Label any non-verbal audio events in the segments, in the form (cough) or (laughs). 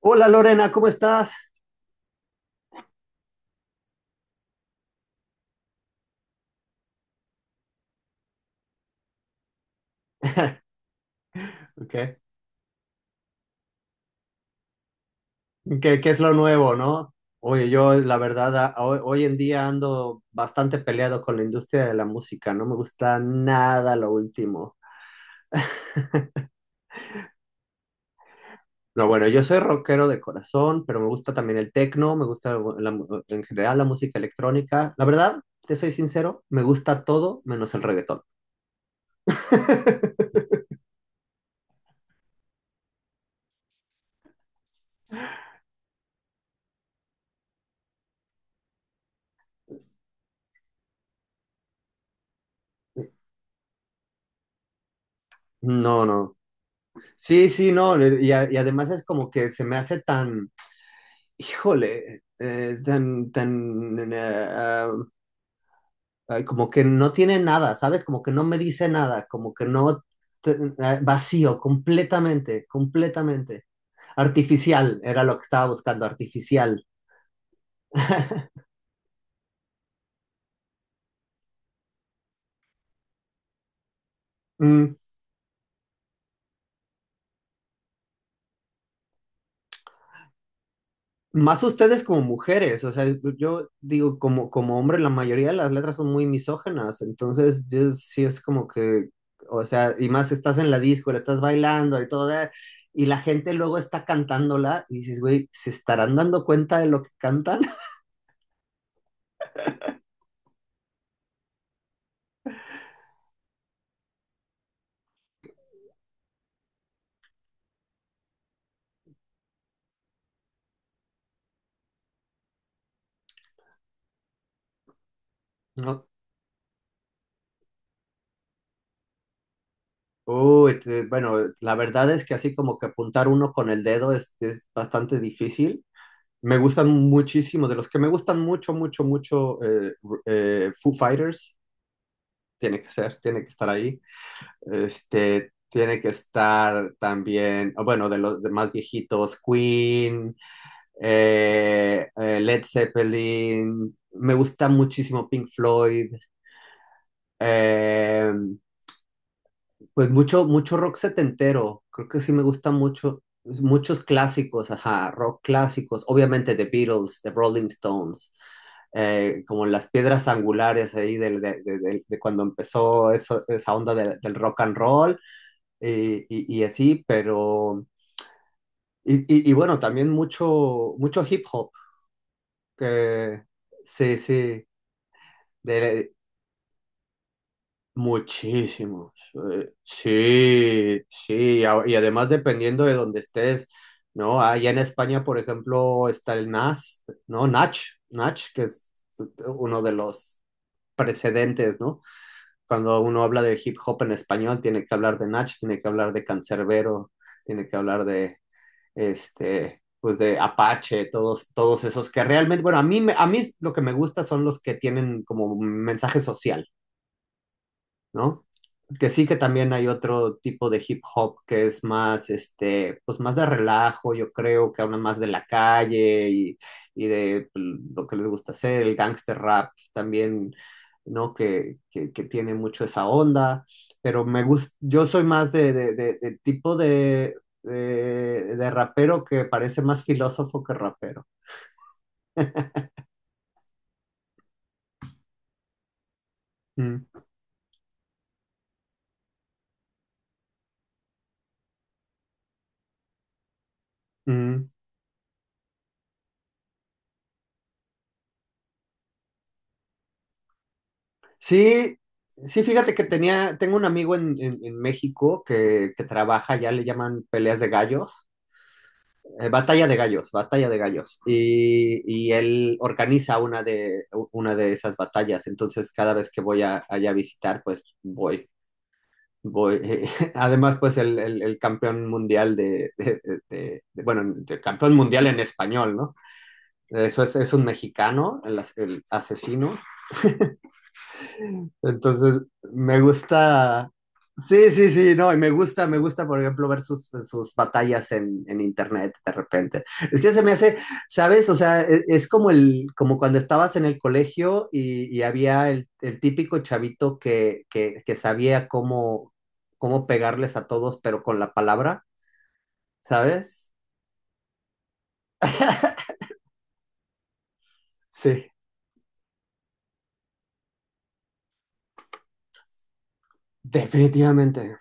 Hola Lorena, ¿cómo estás? ¿Qué, qué es lo nuevo, no? Oye, yo la verdad, hoy en día ando bastante peleado con la industria de la música, no me gusta nada lo último. No, bueno, yo soy rockero de corazón, pero me gusta también el techno, me gusta en general la música electrónica. La verdad, te soy sincero, me gusta todo menos el reggaetón. (laughs) No, no. Sí, sí, no. Y además es como que se me hace tan, híjole, tan, como que no tiene nada, ¿sabes? Como que no me dice nada, como que no, vacío, completamente, completamente. Artificial, era lo que estaba buscando, artificial. (laughs) Mm, Más ustedes como mujeres, o sea, yo digo, como, como hombre, la mayoría de las letras son muy misógenas, entonces yo sí es como que, o sea, y más estás en la disco, la estás bailando y todo, y la gente luego está cantándola y dices, güey, ¿se estarán dando cuenta de lo que cantan? (laughs) No. Uy, bueno, la verdad es que así como que apuntar uno con el dedo es bastante difícil. Me gustan muchísimo, de los que me gustan mucho, mucho, mucho, Foo Fighters, tiene que ser, tiene que estar ahí. Este, tiene que estar también, oh, bueno, de los de más viejitos, Queen, Led Zeppelin, me gusta muchísimo Pink Floyd, eh, pues mucho, mucho rock setentero, creo que sí me gusta mucho, pues, muchos clásicos, ajá, rock clásicos, obviamente The Beatles, The Rolling Stones, como las piedras angulares ahí de cuando empezó esa onda del rock and roll, y así, pero, y bueno, también mucho, mucho hip hop, que sí, sí, de, muchísimos. Sí, sí, y además dependiendo de donde estés, ¿no? Allá en España, por ejemplo, está el NAS, ¿no? Nach, Nach, que es uno de los precedentes, ¿no? Cuando uno habla de hip hop en español, tiene que hablar de Nach, tiene que hablar de Cancerbero, tiene que hablar de, este, pues de Apache, todos, todos esos que realmente, bueno, a mí lo que me gusta son los que tienen como mensaje social, ¿no? Que sí que también hay otro tipo de hip hop que es más, este, pues más de relajo, yo creo, que habla más de la calle y de pues, lo que les gusta hacer, el gangster rap también, ¿no? Que, que tiene mucho esa onda, pero me gusta, yo soy más de tipo de, de rapero que parece más filósofo que rapero. Mm, mm. Sí, sí, fíjate que tenía, tengo un amigo en, en México que trabaja, ya le llaman peleas de gallos, batalla de gallos, batalla de gallos, y él organiza una de esas batallas, entonces cada vez que voy a, allá a visitar, pues voy, voy. (laughs) Además, pues el campeón mundial bueno, de campeón mundial en español, ¿no? Eso es un mexicano, el asesino. (laughs) Entonces, me gusta. Sí, sí, sí, no, y me gusta, por ejemplo, ver sus batallas en internet de repente. Es que se me hace, ¿sabes? O sea, es como como cuando estabas en el colegio y había el típico chavito que sabía cómo pegarles a todos, pero con la palabra, ¿sabes? (laughs) Sí, definitivamente.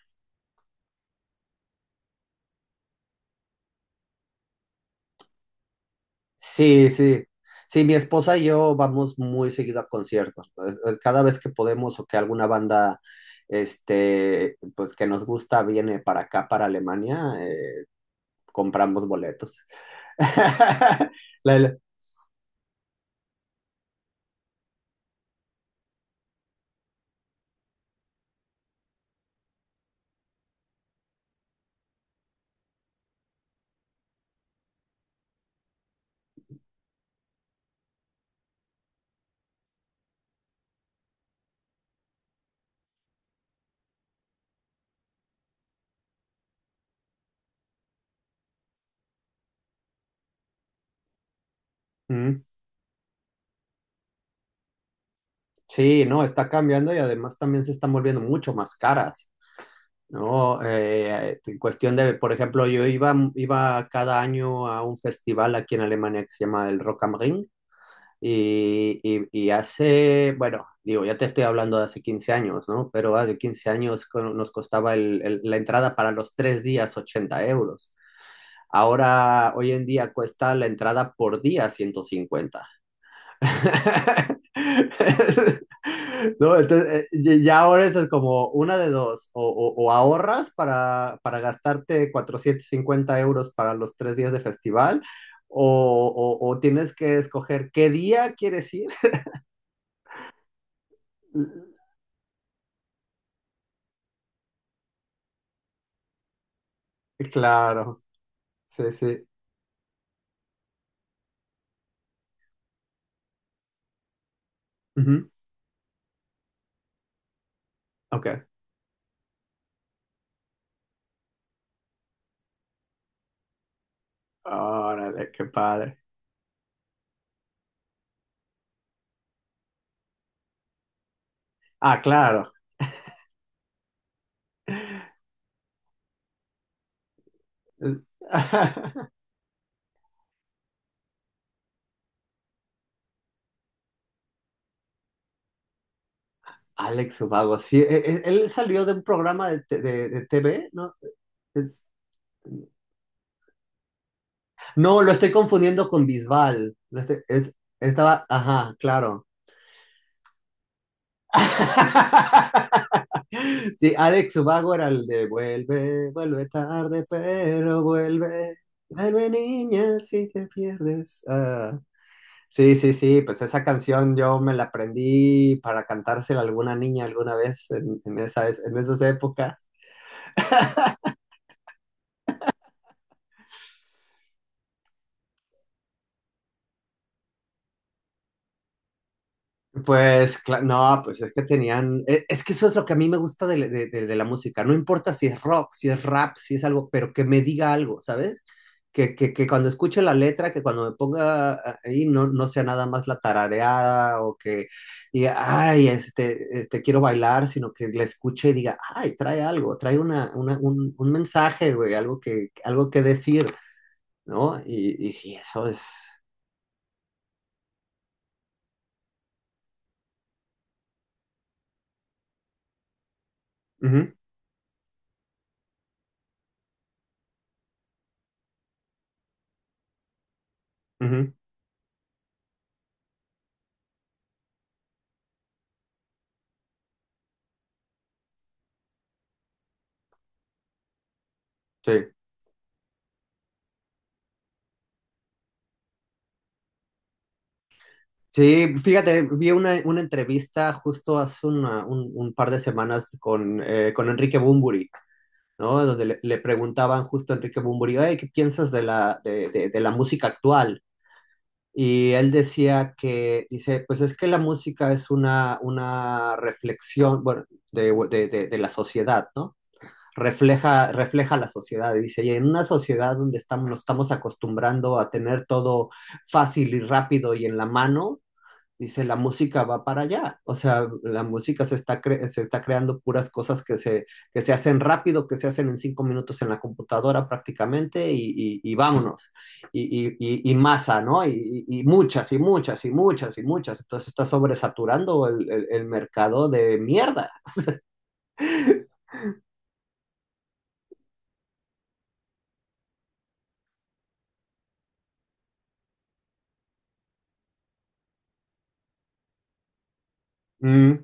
Sí, sí. Sí, mi esposa y yo vamos muy seguido a conciertos. Pues, cada vez que podemos o que alguna banda, este, pues que nos gusta viene para acá, para Alemania, compramos boletos. (laughs) La- la- Mm, sí, no, está cambiando y además también se están volviendo mucho más caras, ¿no? En cuestión de, por ejemplo, yo iba cada año a un festival aquí en Alemania que se llama el Rock am Ring. Y hace, bueno, digo, ya te estoy hablando de hace 15 años, ¿no? Pero hace 15 años nos costaba la entrada para los 3 días 80 euros. Ahora, hoy en día cuesta la entrada por día 150. (laughs) No, entonces, ya ahora eso es como una de dos, o ahorras para gastarte 450 euros para los tres días de festival, o, o tienes que escoger qué día quieres ir. Eh, Claro, sí, sí. Ujú. Ok. Órale, qué padre. Ah, claro. (laughs) Alex Ubago, sí. Él salió de un programa de, de TV, ¿no? Es- no, lo estoy confundiendo con Bisbal. Estaba, ajá, claro. (laughs) Sí, Alex Ubago era el de "vuelve, vuelve tarde, pero vuelve. Vuelve niña si te pierdes." Ah. Sí, sí, sí, pues esa canción yo me la aprendí para cantársela a alguna niña alguna vez en esas épocas. Pues, no, pues es que tenían, es que eso es lo que a mí me gusta de, de la música, no importa si es rock, si es rap, si es algo, pero que me diga algo, ¿sabes? Que cuando escuche la letra, que cuando me ponga ahí no sea nada más la tarareada o que diga, ay, este, quiero bailar, sino que la escuche y diga, ay, trae algo, trae un mensaje, güey, algo que decir, ¿no? Y sí, eso es... ujú, ujú, sí. Sí, fíjate, vi una entrevista justo hace un par de semanas con Enrique Bunbury, ¿no? Donde le preguntaban justo a Enrique Bunbury: "Oye, ¿qué piensas de la música actual?" Y él decía que, pues es que la música es una reflexión, bueno, de la sociedad, ¿no? Refleja la sociedad, y dice, y en una sociedad donde estamos, nos estamos acostumbrando a tener todo fácil y rápido y en la mano, dice, la música va para allá. O sea, la música se está creando puras cosas que se hacen rápido, que se hacen en 5 minutos en la computadora prácticamente y vámonos. Y, y masa, ¿no? Y muchas y muchas y muchas y muchas. Entonces está sobresaturando el mercado de mierda. (laughs) Mm.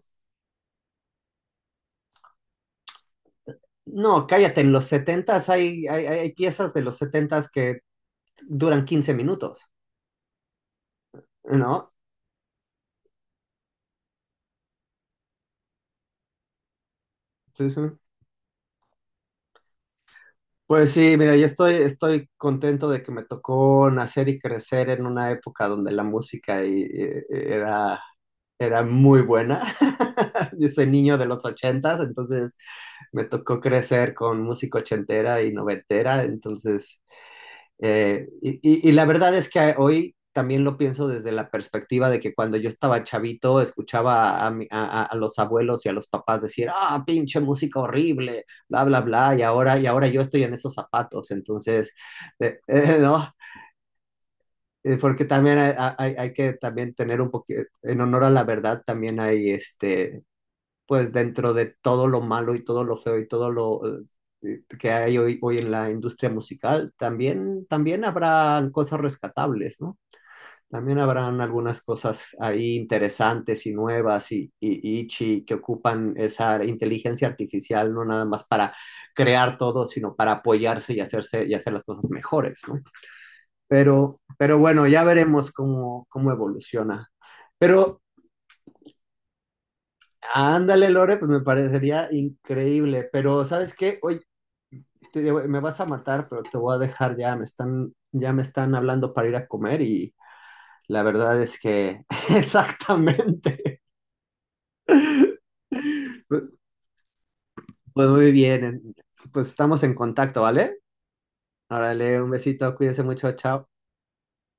No, cállate, en los setentas hay piezas de los setentas que duran 15 minutos, ¿no? Sí, sí. Pues sí, mira, yo estoy contento de que me tocó nacer y crecer en una época donde la música era muy buena. (laughs) Yo soy niño de los ochentas, entonces me tocó crecer con música ochentera y noventera, entonces y la verdad es que hoy también lo pienso desde la perspectiva de que cuando yo estaba chavito escuchaba a los abuelos y a los papás decir: "Ah, pinche música horrible, bla, bla, bla", y ahora yo estoy en esos zapatos, entonces, (laughs) ¿no? Porque también hay que también tener un poquito, en honor a la verdad, también hay este, pues dentro de todo lo malo y todo lo feo y todo lo que hay hoy en la industria musical, también habrán cosas rescatables, ¿no? También habrán algunas cosas ahí interesantes y nuevas que ocupan esa inteligencia artificial, no nada más para crear todo, sino para apoyarse y hacerse y hacer las cosas mejores, ¿no? Pero bueno, ya veremos cómo evoluciona. Pero ándale, Lore, pues me parecería increíble, pero ¿sabes qué? Hoy digo, me vas a matar, pero te voy a dejar ya, ya me están hablando para ir a comer y la verdad es que (laughs) exactamente. Pues muy bien, pues estamos en contacto, ¿vale? Órale, un besito, cuídese mucho, chao.